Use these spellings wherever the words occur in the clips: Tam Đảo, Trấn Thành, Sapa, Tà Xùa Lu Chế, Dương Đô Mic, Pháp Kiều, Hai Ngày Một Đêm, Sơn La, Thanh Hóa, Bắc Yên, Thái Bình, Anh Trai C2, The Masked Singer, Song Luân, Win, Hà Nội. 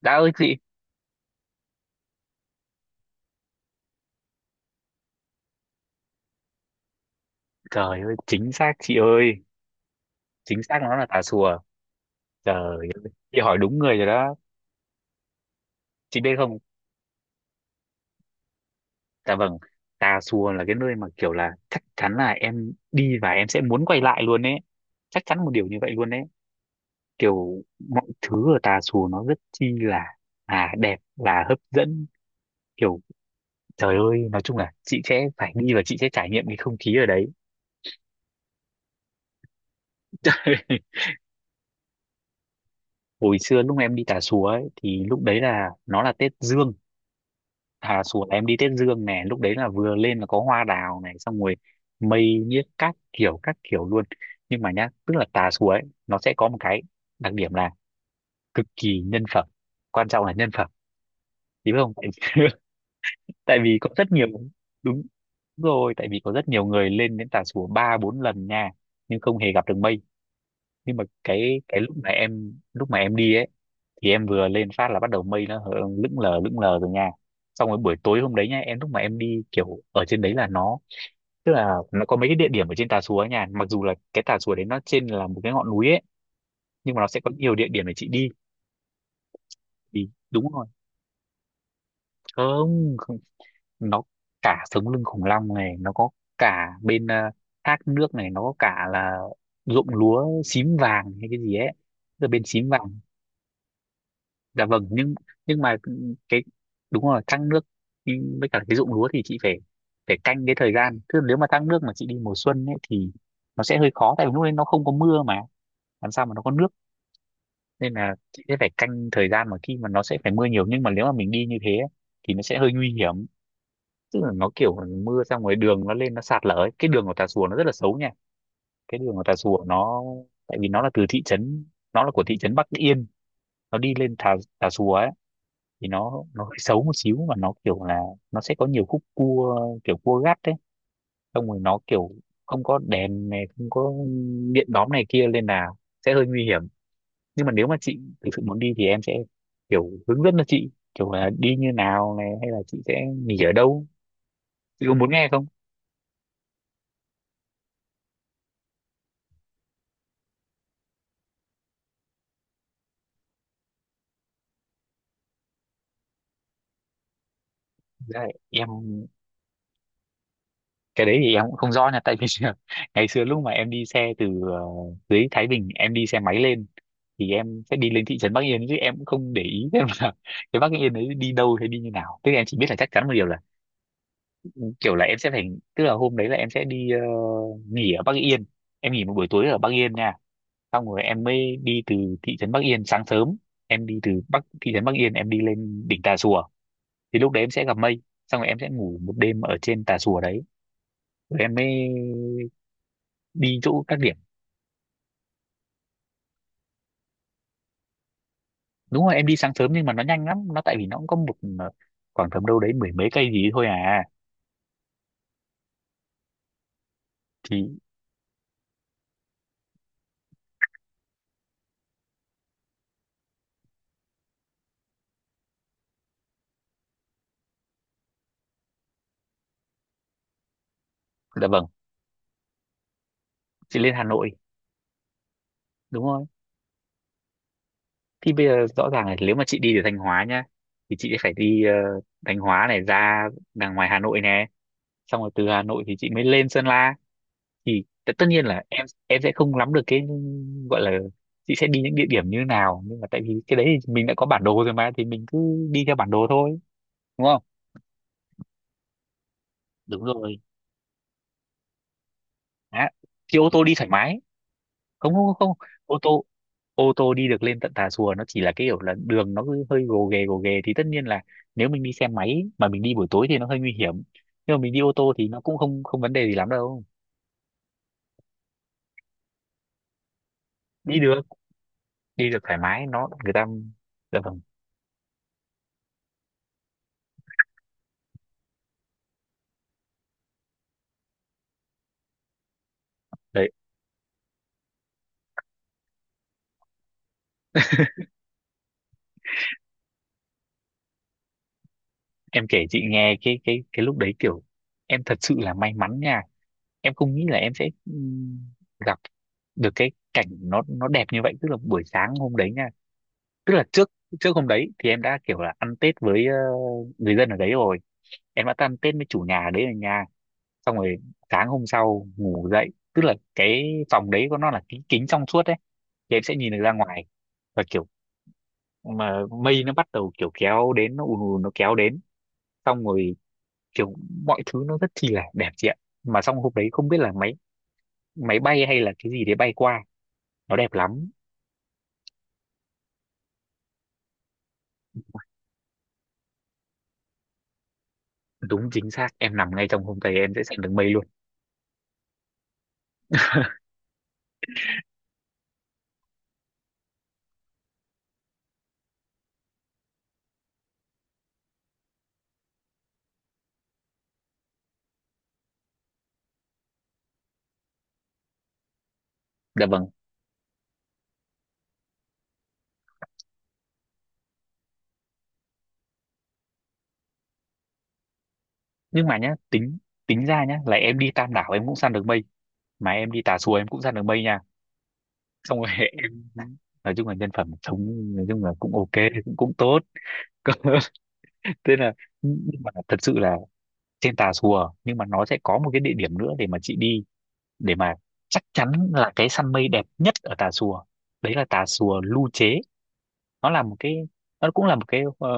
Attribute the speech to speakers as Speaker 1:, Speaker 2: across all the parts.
Speaker 1: Đã ơi chị. Trời ơi, chính xác chị ơi. Chính xác, nó là Tà Xùa. Trời ơi. Chị hỏi đúng người rồi đó. Chị biết không? Dạ vâng. Tà Xùa là cái nơi mà kiểu là chắc chắn là em đi và em sẽ muốn quay lại luôn ấy. Chắc chắn một điều như vậy luôn đấy. Kiểu mọi thứ ở Tà Xùa nó rất chi là đẹp, là hấp dẫn, kiểu... Trời ơi, nói chung là chị sẽ phải đi và chị sẽ trải nghiệm cái không khí ở đấy. Hồi xưa lúc em đi Tà Xùa ấy thì lúc đấy là nó là Tết Dương. Thà xuống, em đi Tết Dương này, lúc đấy là vừa lên là có hoa đào này, xong rồi mây nhiếc các kiểu luôn. Nhưng mà nhá, tức là Tà Xùa ấy nó sẽ có một cái đặc điểm là cực kỳ nhân phẩm. Quan trọng là nhân phẩm. Chị biết không, tại vì, tại vì có rất nhiều... Đúng rồi, tại vì có rất nhiều người lên đến Tà Xùa ba bốn lần nha, nhưng không hề gặp được mây. Nhưng mà cái lúc mà em đi ấy, thì em vừa lên phát là bắt đầu mây nó lững lờ rồi nha. Xong rồi buổi tối hôm đấy nha, em lúc mà em đi kiểu ở trên đấy là nó... Tức là nó có mấy cái địa điểm ở trên Tà Xùa ấy nha, mặc dù là cái Tà Xùa đấy nó trên là một cái ngọn núi ấy, nhưng mà nó sẽ có nhiều địa điểm để chị đi. Thì đúng rồi. Không, không. Nó... Cả sống lưng khủng long này nó có, cả bên thác nước này, nó có cả là ruộng lúa xím vàng hay cái gì ấy, tức là bên xím vàng. Dạ vâng, nhưng... Nhưng mà cái... Đúng rồi, thăng nước. Đi với cả cái ruộng lúa thì chị phải... phải canh cái thời gian, chứ nếu mà thăng nước mà chị đi mùa xuân ấy thì nó sẽ hơi khó, tại vì lúc đấy nó không có mưa mà, làm sao mà nó có nước. Nên là chị sẽ phải canh thời gian mà khi mà nó sẽ phải mưa nhiều, nhưng mà nếu mà mình đi như thế ấy, thì nó sẽ hơi nguy hiểm. Tức là nó kiểu mưa xong rồi đường nó lên nó sạt lở ấy. Cái đường của Tà Xùa nó rất là xấu nha. Cái đường của Tà Xùa nó... tại vì nó là từ thị trấn, nó là của thị trấn Bắc Yên. Nó đi lên Tà Tà Xùa ấy, thì nó hơi xấu một xíu và nó kiểu là nó sẽ có nhiều khúc cua, kiểu cua gắt đấy. Xong rồi nó kiểu không có đèn này, không có điện đóm này kia, nên là sẽ hơi nguy hiểm. Nhưng mà nếu mà chị thực sự muốn đi thì em sẽ kiểu hướng dẫn cho chị, kiểu là đi như nào này hay là chị sẽ nghỉ ở đâu. Chị có muốn nghe không? Thực ra là em... cái đấy thì em cũng không rõ nha, tại vì ngày xưa lúc mà em đi xe từ dưới Thái Bình em đi xe máy lên, thì em sẽ đi lên thị trấn Bắc Yên chứ em cũng không để ý xem là cái Bắc Yên đấy đi đâu hay đi như nào, tức là em chỉ biết là chắc chắn một điều là kiểu là em sẽ phải... Tức là hôm đấy là em sẽ đi nghỉ ở Bắc Yên. Em nghỉ một buổi tối ở Bắc Yên nha. Xong rồi em mới đi từ thị trấn Bắc Yên sáng sớm. Em đi từ thị trấn Bắc Yên em đi lên đỉnh Tà Xùa, thì lúc đấy em sẽ gặp mây. Xong rồi em sẽ ngủ một đêm ở trên Tà Xùa đấy. Rồi em mới đi chỗ các điểm. Đúng rồi em đi sáng sớm, nhưng mà nó nhanh lắm, nó tại vì nó cũng có một ờ, khoảng tầm đâu đấy mười mấy cây gì thôi à. Thì... Dạ vâng, chị lên Hà Nội, đúng rồi. Thì bây giờ rõ ràng là nếu mà chị đi từ Thanh Hóa nhá, thì chị phải đi Thanh Hóa này ra đằng ngoài Hà Nội nè, xong rồi từ Hà Nội thì chị mới lên Sơn La. Thì tất nhiên là em sẽ không nắm được cái gọi là... chị sẽ đi những địa điểm như thế nào, nhưng mà tại vì cái đấy thì mình đã có bản đồ rồi mà, thì mình cứ đi theo bản đồ thôi, đúng không? Đúng rồi. Đó. Chị ô tô đi thoải mái. Không, không, không. Ô tô ô tô đi được lên tận Tà Xùa, nó chỉ là cái kiểu là đường nó cứ hơi gồ ghề gồ ghề, thì tất nhiên là nếu mình đi xe máy mà mình đi buổi tối thì nó hơi nguy hiểm, nhưng mà mình đi ô tô thì nó cũng không không vấn đề gì lắm đâu. Đi được, đi được thoải mái, nó người ta... Dạ vâng. Đấy, em kể chị nghe cái lúc đấy kiểu em thật sự là may mắn nha. Em không nghĩ là em sẽ gặp được cái cảnh nó đẹp như vậy, tức là buổi sáng hôm đấy nha, tức là trước trước hôm đấy thì em đã kiểu là ăn Tết với người dân ở đấy rồi, em đã tan tết với chủ nhà đấy ở nhà. Xong rồi sáng hôm sau ngủ dậy, tức là cái phòng đấy của nó là kính kính trong suốt đấy, thì em sẽ nhìn được ra ngoài, và kiểu mà mây nó bắt đầu kiểu kéo đến, nó ùn ùn nó kéo đến, xong rồi kiểu mọi thứ nó rất chi là đẹp chị ạ. Mà xong hôm đấy không biết là máy máy bay hay là cái gì đấy bay qua, nó đẹp lắm. Đúng, chính xác, em nằm ngay trong hôm đấy em sẽ săn được mây luôn. Dạ vâng. Nhưng mà nhá, tính tính ra nhá là em đi Tam Đảo em cũng săn được mây, mà em đi Tà Xùa em cũng săn được mây nha. Xong rồi em nói chung là nhân phẩm sống, nói chung là cũng ok, cũng cũng tốt. Thế là... nhưng mà thật sự là trên Tà Xùa nhưng mà nó sẽ có một cái địa điểm nữa để mà chị đi, để mà chắc chắn là cái săn mây đẹp nhất ở Tà Xùa. Đấy là Tà Xùa Lu Chế. Nó là một cái... nó cũng là một cái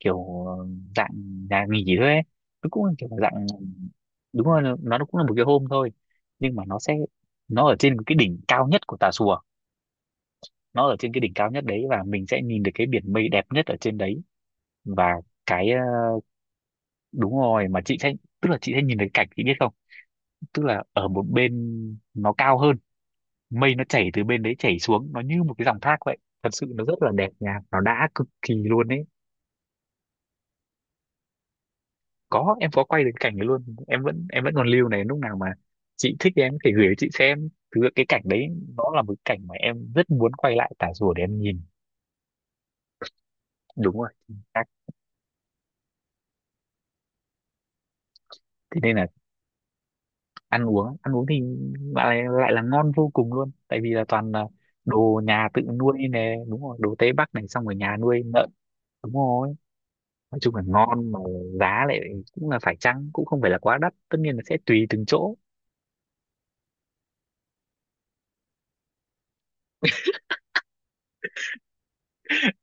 Speaker 1: kiểu dạng nhà nghỉ thôi ấy. Nó cũng là kiểu dạng... Đúng rồi, nó cũng là một cái hôm thôi, nhưng mà nó sẽ... nó ở trên cái đỉnh cao nhất của Tà Xùa. Nó ở trên cái đỉnh cao nhất đấy và mình sẽ nhìn được cái biển mây đẹp nhất ở trên đấy, và cái đúng rồi mà chị sẽ... tức là chị sẽ nhìn thấy cảnh, chị biết không, tức là ở một bên nó cao hơn, mây nó chảy từ bên đấy chảy xuống, nó như một cái dòng thác vậy, thật sự nó rất là đẹp nha, nó đã cực kỳ luôn ấy. Có, em có quay được cảnh ấy luôn, em vẫn còn lưu này, lúc nào mà chị thích thì em có thể gửi cho chị xem. Thực sự cái cảnh đấy nó là một cái cảnh mà em rất muốn quay lại Tà Rùa để em nhìn. Đúng rồi, chính xác. Thế nên là ăn uống thì lại lại là ngon vô cùng luôn, tại vì là toàn là đồ nhà tự nuôi nè, đúng rồi, đồ Tây Bắc này, xong rồi nhà nuôi lợn. Đúng rồi. Nói chung là ngon mà. Giá lại cũng là phải chăng, cũng không phải là quá đắt, tất nhiên là sẽ tùy từng chỗ.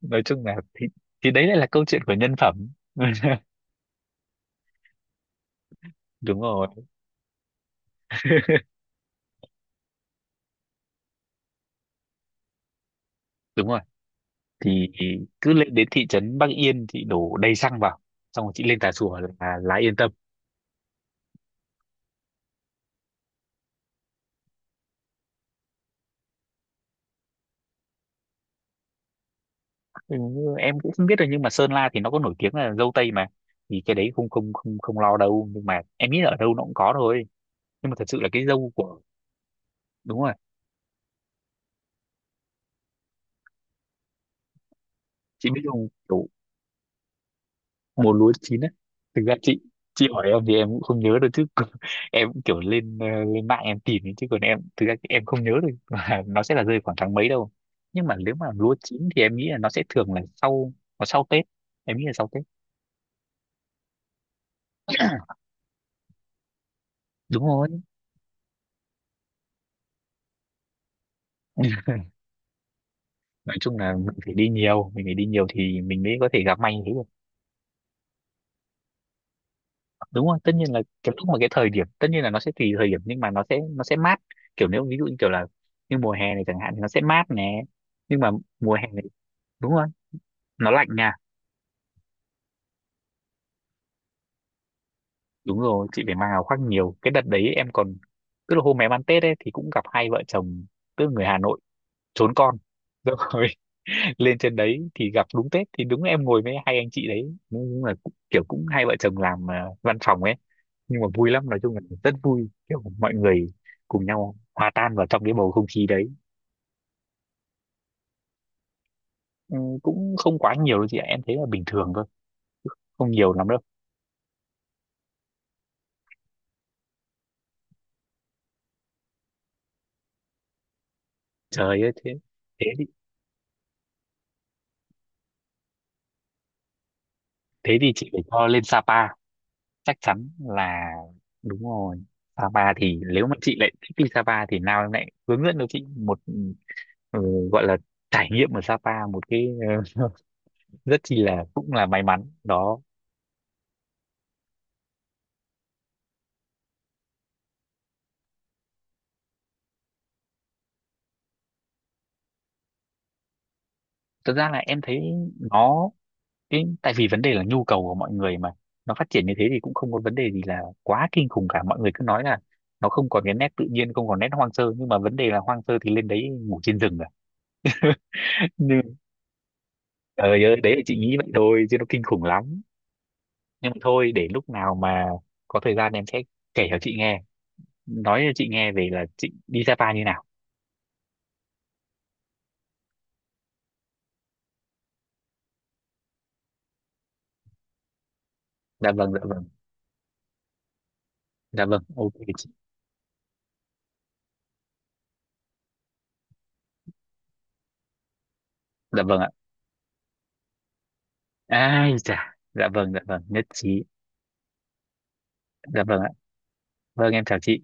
Speaker 1: Nói chung là thì đấy lại là câu chuyện của nhân phẩm. Đúng rồi. Đúng rồi. Thì cứ lên đến thị trấn Bắc Yên chị đổ đầy xăng vào, xong rồi chị lên Tà Xùa là yên tâm. Ừ, em cũng không biết rồi, nhưng mà Sơn La thì nó có nổi tiếng là dâu tây mà. Thì cái đấy không không không không lo đâu, nhưng mà em nghĩ là ở đâu nó cũng có thôi. Nhưng mà thật sự là cái dâu của... đúng rồi. Chị biết không, kiểu mùa lúa chín á, thực ra chị hỏi em thì em cũng không nhớ được chứ còn em cũng kiểu lên lên mạng em tìm ấy, chứ còn em thực ra em không nhớ được là nó sẽ là rơi khoảng tháng mấy đâu. Nhưng mà nếu mà lúa chín thì em nghĩ là nó sẽ thường là sau, nó sau Tết, em nghĩ là sau Tết. Đúng rồi. Nói chung là mình phải đi nhiều, mình phải đi nhiều thì mình mới có thể gặp may như thế được. Đúng rồi, tất nhiên là cái lúc mà cái thời điểm, tất nhiên là nó sẽ tùy thời điểm, nhưng mà nó sẽ mát, kiểu nếu ví dụ như kiểu là như mùa hè này chẳng hạn thì nó sẽ mát nè, nhưng mà mùa hè này đúng rồi, nó lạnh nha. Đúng rồi, chị phải mang áo khoác nhiều, cái đợt đấy em còn... tức là hôm em ăn Tết ấy thì cũng gặp hai vợ chồng, tức là người Hà Nội trốn con, rồi lên trên đấy thì gặp đúng Tết, thì đúng em ngồi với hai anh chị đấy, đúng là kiểu cũng hai vợ chồng làm văn phòng ấy. Nhưng mà vui lắm, nói chung là rất vui, kiểu mọi người cùng nhau hòa tan vào trong cái bầu không khí đấy. Ừ, cũng không quá nhiều đâu chị ạ, em thấy là bình thường thôi, không nhiều lắm đâu. Trời ơi, thế... thế thì thế thì chị phải cho lên Sapa, chắc chắn là đúng rồi. Sapa thì nếu mà chị lại thích đi Sapa thì nào em lại hướng dẫn cho chị một ừ, gọi là trải nghiệm ở Sapa một cái rất chi là cũng là may mắn đó. Thật ra là em thấy nó... Cái, tại vì vấn đề là nhu cầu của mọi người mà, nó phát triển như thế thì cũng không có vấn đề gì là quá kinh khủng cả, mọi người cứ nói là nó không còn cái nét tự nhiên, không còn nét hoang sơ, nhưng mà vấn đề là hoang sơ thì lên đấy ngủ trên rừng à? Nhưng trời ơi, đấy là chị nghĩ vậy thôi chứ nó kinh khủng lắm. Nhưng mà thôi, để lúc nào mà có thời gian em sẽ kể cho chị nghe, nói cho chị nghe về là chị đi Sapa như nào. Dạ vâng, dạ vâng. Dạ vâng, ok chị. Dạ vâng ạ. Ai chà, dạ vâng, dạ vâng, nhất trí. Dạ vâng ạ. Vâng, em chào chị.